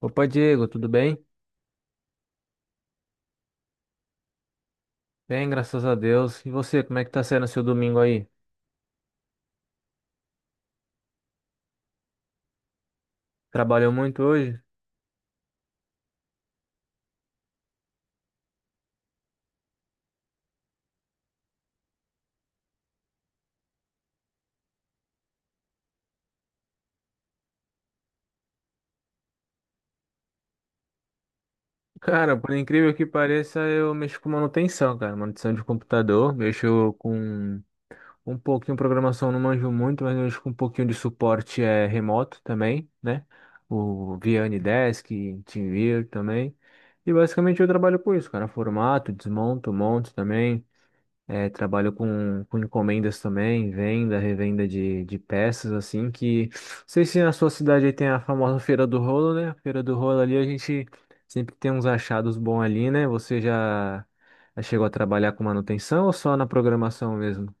Opa, Diego, tudo bem? Bem, graças a Deus. E você, como é que tá sendo seu domingo aí? Trabalhou muito hoje? Cara, por incrível que pareça, eu mexo com manutenção, cara. Manutenção de computador, mexo com um pouquinho programação, não manjo muito, mas mexo com um pouquinho de suporte remoto também, né? O via Desk, TeamViewer também. E basicamente eu trabalho com isso, cara. Formato, desmonto, monto também. É, trabalho com encomendas também, venda, revenda de peças, assim, que... Não sei se na sua cidade aí tem a famosa Feira do Rolo, né? A Feira do Rolo ali, a gente sempre tem uns achados bons ali, né? Já chegou a trabalhar com manutenção ou só na programação mesmo?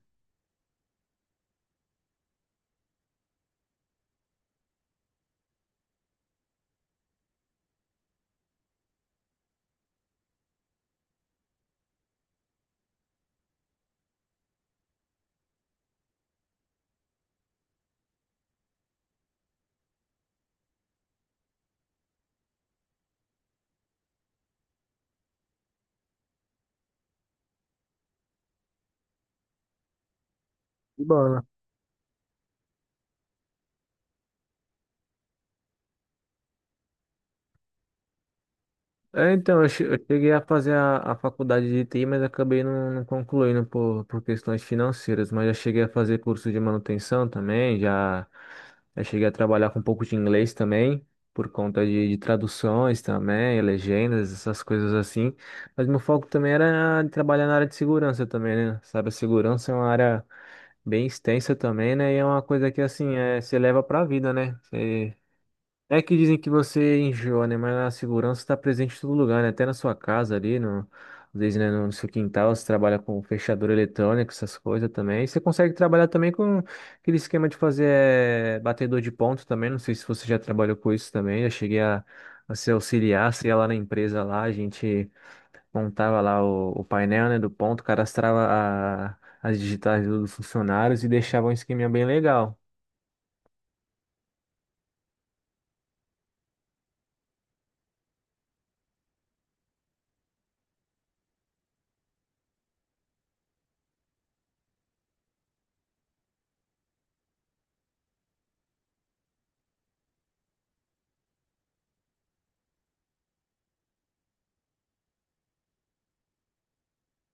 É, então, eu cheguei a fazer a faculdade de TI, mas acabei não concluindo por questões financeiras. Mas já cheguei a fazer curso de manutenção também, já, já cheguei a trabalhar com um pouco de inglês também, por conta de traduções também, legendas, essas coisas assim. Mas meu foco também era trabalhar na área de segurança também, né? Sabe, a segurança é uma área bem extensa também, né? E é uma coisa que, assim, você leva pra vida, né? É que dizem que você enjoa, né? Mas a segurança está presente em todo lugar, né? Até na sua casa ali, no, às vezes, né, no seu quintal, você trabalha com fechador eletrônico, essas coisas também. E você consegue trabalhar também com aquele esquema de fazer batedor de ponto também. Não sei se você já trabalhou com isso também. Eu cheguei a ser auxiliar, você ia lá na empresa lá, a gente montava lá o painel, né, do ponto, cadastrava as digitais dos funcionários e deixava um esqueminha bem legal.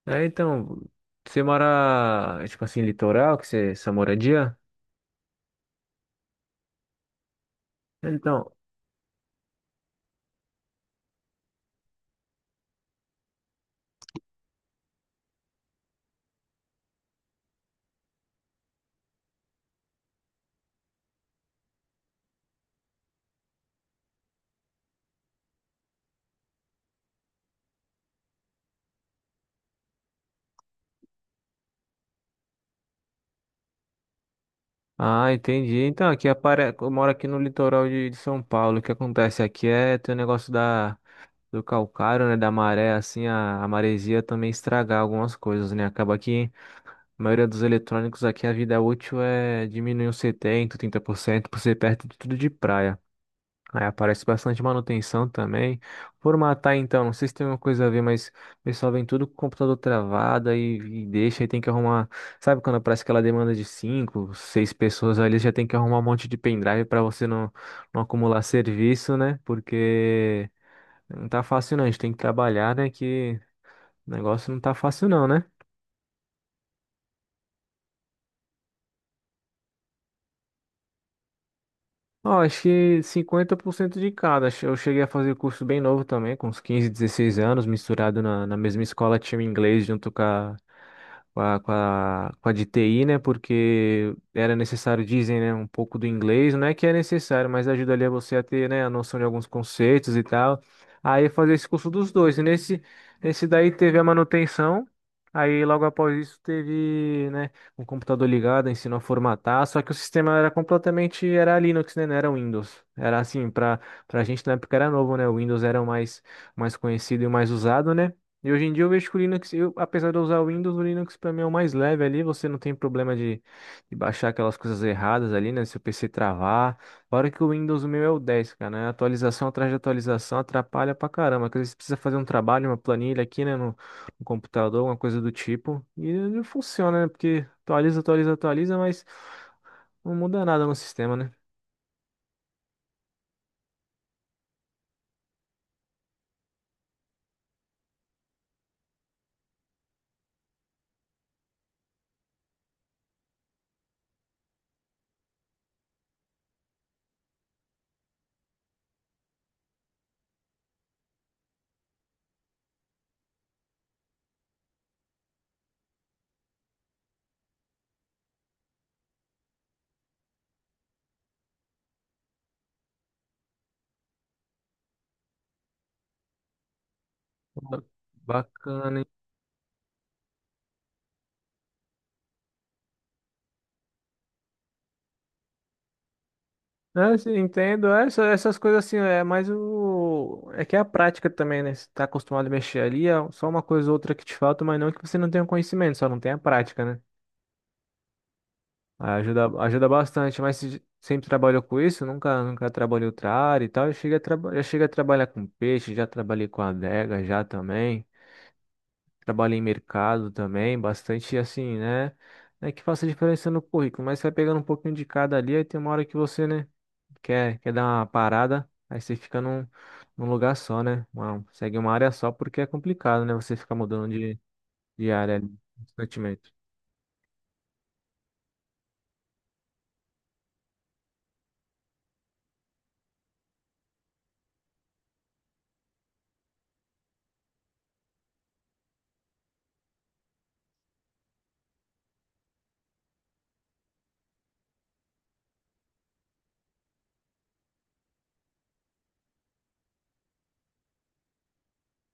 É, então, você mora, é, tipo assim, litoral, que você, essa moradia? É, então, ah, entendi. Então, aqui apare... eu moro aqui no litoral de São Paulo. O que acontece aqui é tem o negócio da do calcário, né, da maré, assim, a maresia também estragar algumas coisas, né? Acaba que a maioria dos eletrônicos aqui, a vida útil é diminuir uns 70, 30% por ser perto de tudo de praia. Aí aparece bastante manutenção também. Formatar então, não sei se tem uma coisa a ver, mas o pessoal vem tudo com o computador travado e deixa, aí tem que arrumar. Sabe quando aparece aquela demanda de cinco, seis pessoas ali, já tem que arrumar um monte de pendrive para você não acumular serviço, né? Porque não tá fácil não, a gente tem que trabalhar, né? Que o negócio não tá fácil não, né? Ó, acho que 50% de cada. Eu cheguei a fazer curso bem novo também, com uns 15, 16 anos, misturado na mesma escola, tinha o inglês junto com a de TI, né? Porque era necessário, dizem, né, um pouco do inglês. Não é que é necessário, mas ajuda ali a você a ter, né, a noção de alguns conceitos e tal. Aí eu fazer esse curso dos dois. E nesse daí teve a manutenção. Aí logo após isso teve, né, um computador ligado, ensinou a formatar, só que o sistema era completamente, era Linux, né? Não era Windows. Era assim, para a gente na época era novo, né? O Windows era mais conhecido e o mais usado, né? E hoje em dia eu vejo que o Linux, eu, apesar de eu usar o Windows, o Linux para mim é o mais leve ali, você não tem problema de baixar aquelas coisas erradas ali, né? Se o PC travar. Fora que o Windows, o meu é o 10, cara, né? Atualização atrás de atualização atrapalha pra caramba. Que às vezes precisa fazer um trabalho, uma planilha aqui, né? Um computador, uma coisa do tipo. E não funciona, né? Porque atualiza, atualiza, atualiza, mas não muda nada no sistema, né? Ba- Bacana, hein? É, sim, entendo. É, essas coisas assim, é mais o. É que é a prática também, né? Você tá acostumado a mexer ali, é só uma coisa ou outra que te falta, mas não que você não tenha conhecimento, só não tem a prática, né? Aí ajuda, ajuda bastante, mas se sempre trabalhou com isso, nunca, nunca trabalhei outra área e tal. Eu cheguei a já cheguei a trabalhar com peixe, já trabalhei com adega já também. Trabalha em mercado também, bastante assim, né? Não é que faça diferença no currículo, mas você vai pegando um pouquinho de cada ali, aí tem uma hora que você, né, quer dar uma parada, aí você fica num lugar só, né? Segue uma área só porque é complicado, né? Você ficar mudando de área ali constantemente.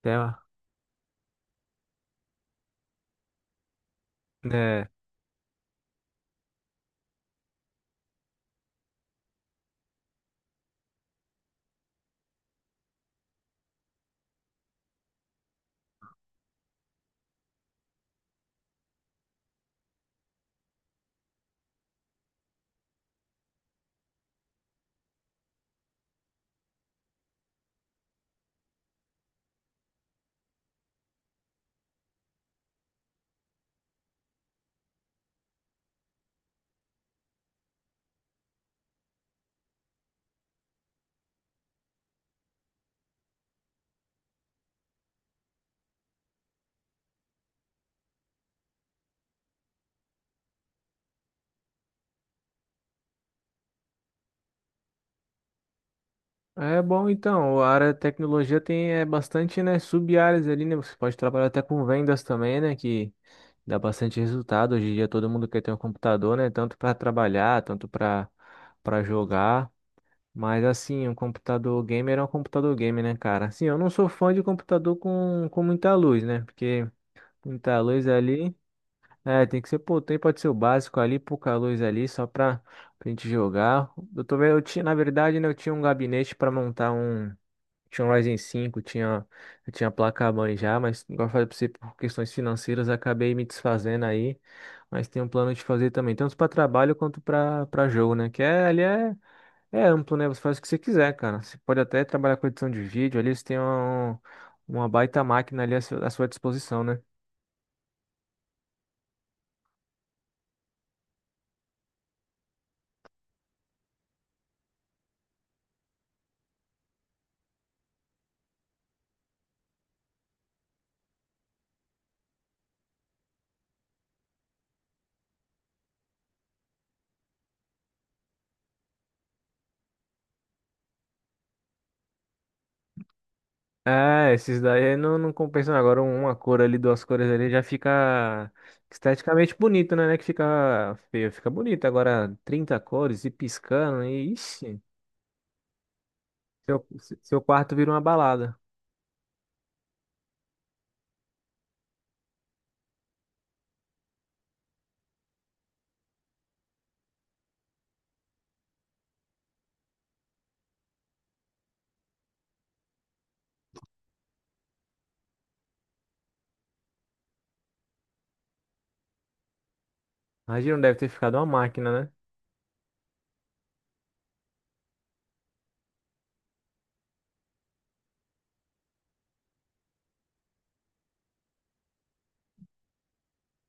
Até, né? É bom, então, a área de tecnologia tem é, bastante, né, sub-áreas ali, né, você pode trabalhar até com vendas também, né, que dá bastante resultado, hoje em dia todo mundo quer ter um computador, né, tanto para trabalhar, tanto para jogar, mas assim, um computador gamer é um computador gamer, né, cara, assim, eu não sou fã de computador com muita luz, né, porque muita luz ali, é, tem que ser, pô, tem, pode ser o básico ali, pouca luz ali, só pra gente jogar, eu tô vendo, eu tinha, na verdade, né, eu tinha um gabinete para montar um tinha um Ryzen cinco tinha, eu tinha placa-mãe já, mas igual eu falei pra você, por questões financeiras, acabei me desfazendo aí. Mas tenho um plano de fazer também, tanto para trabalho quanto para jogo, né? Que é, é amplo, né? Você faz o que você quiser, cara. Você pode até trabalhar com edição de vídeo, ali você tem uma baita máquina ali à sua disposição, né? É, esses daí não, não compensam. Agora uma cor ali, duas cores ali já fica esteticamente bonito, né? Não é que fica feio, fica bonito. Agora 30 cores e piscando, e ixi, seu, seu quarto vira uma balada. Imagina, deve ter ficado uma máquina, né?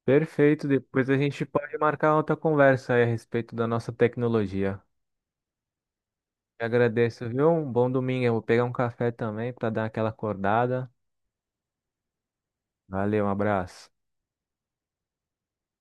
Perfeito, depois a gente pode marcar outra conversa aí a respeito da nossa tecnologia. Te agradeço, viu? Um bom domingo. Eu vou pegar um café também para dar aquela acordada. Valeu, um abraço.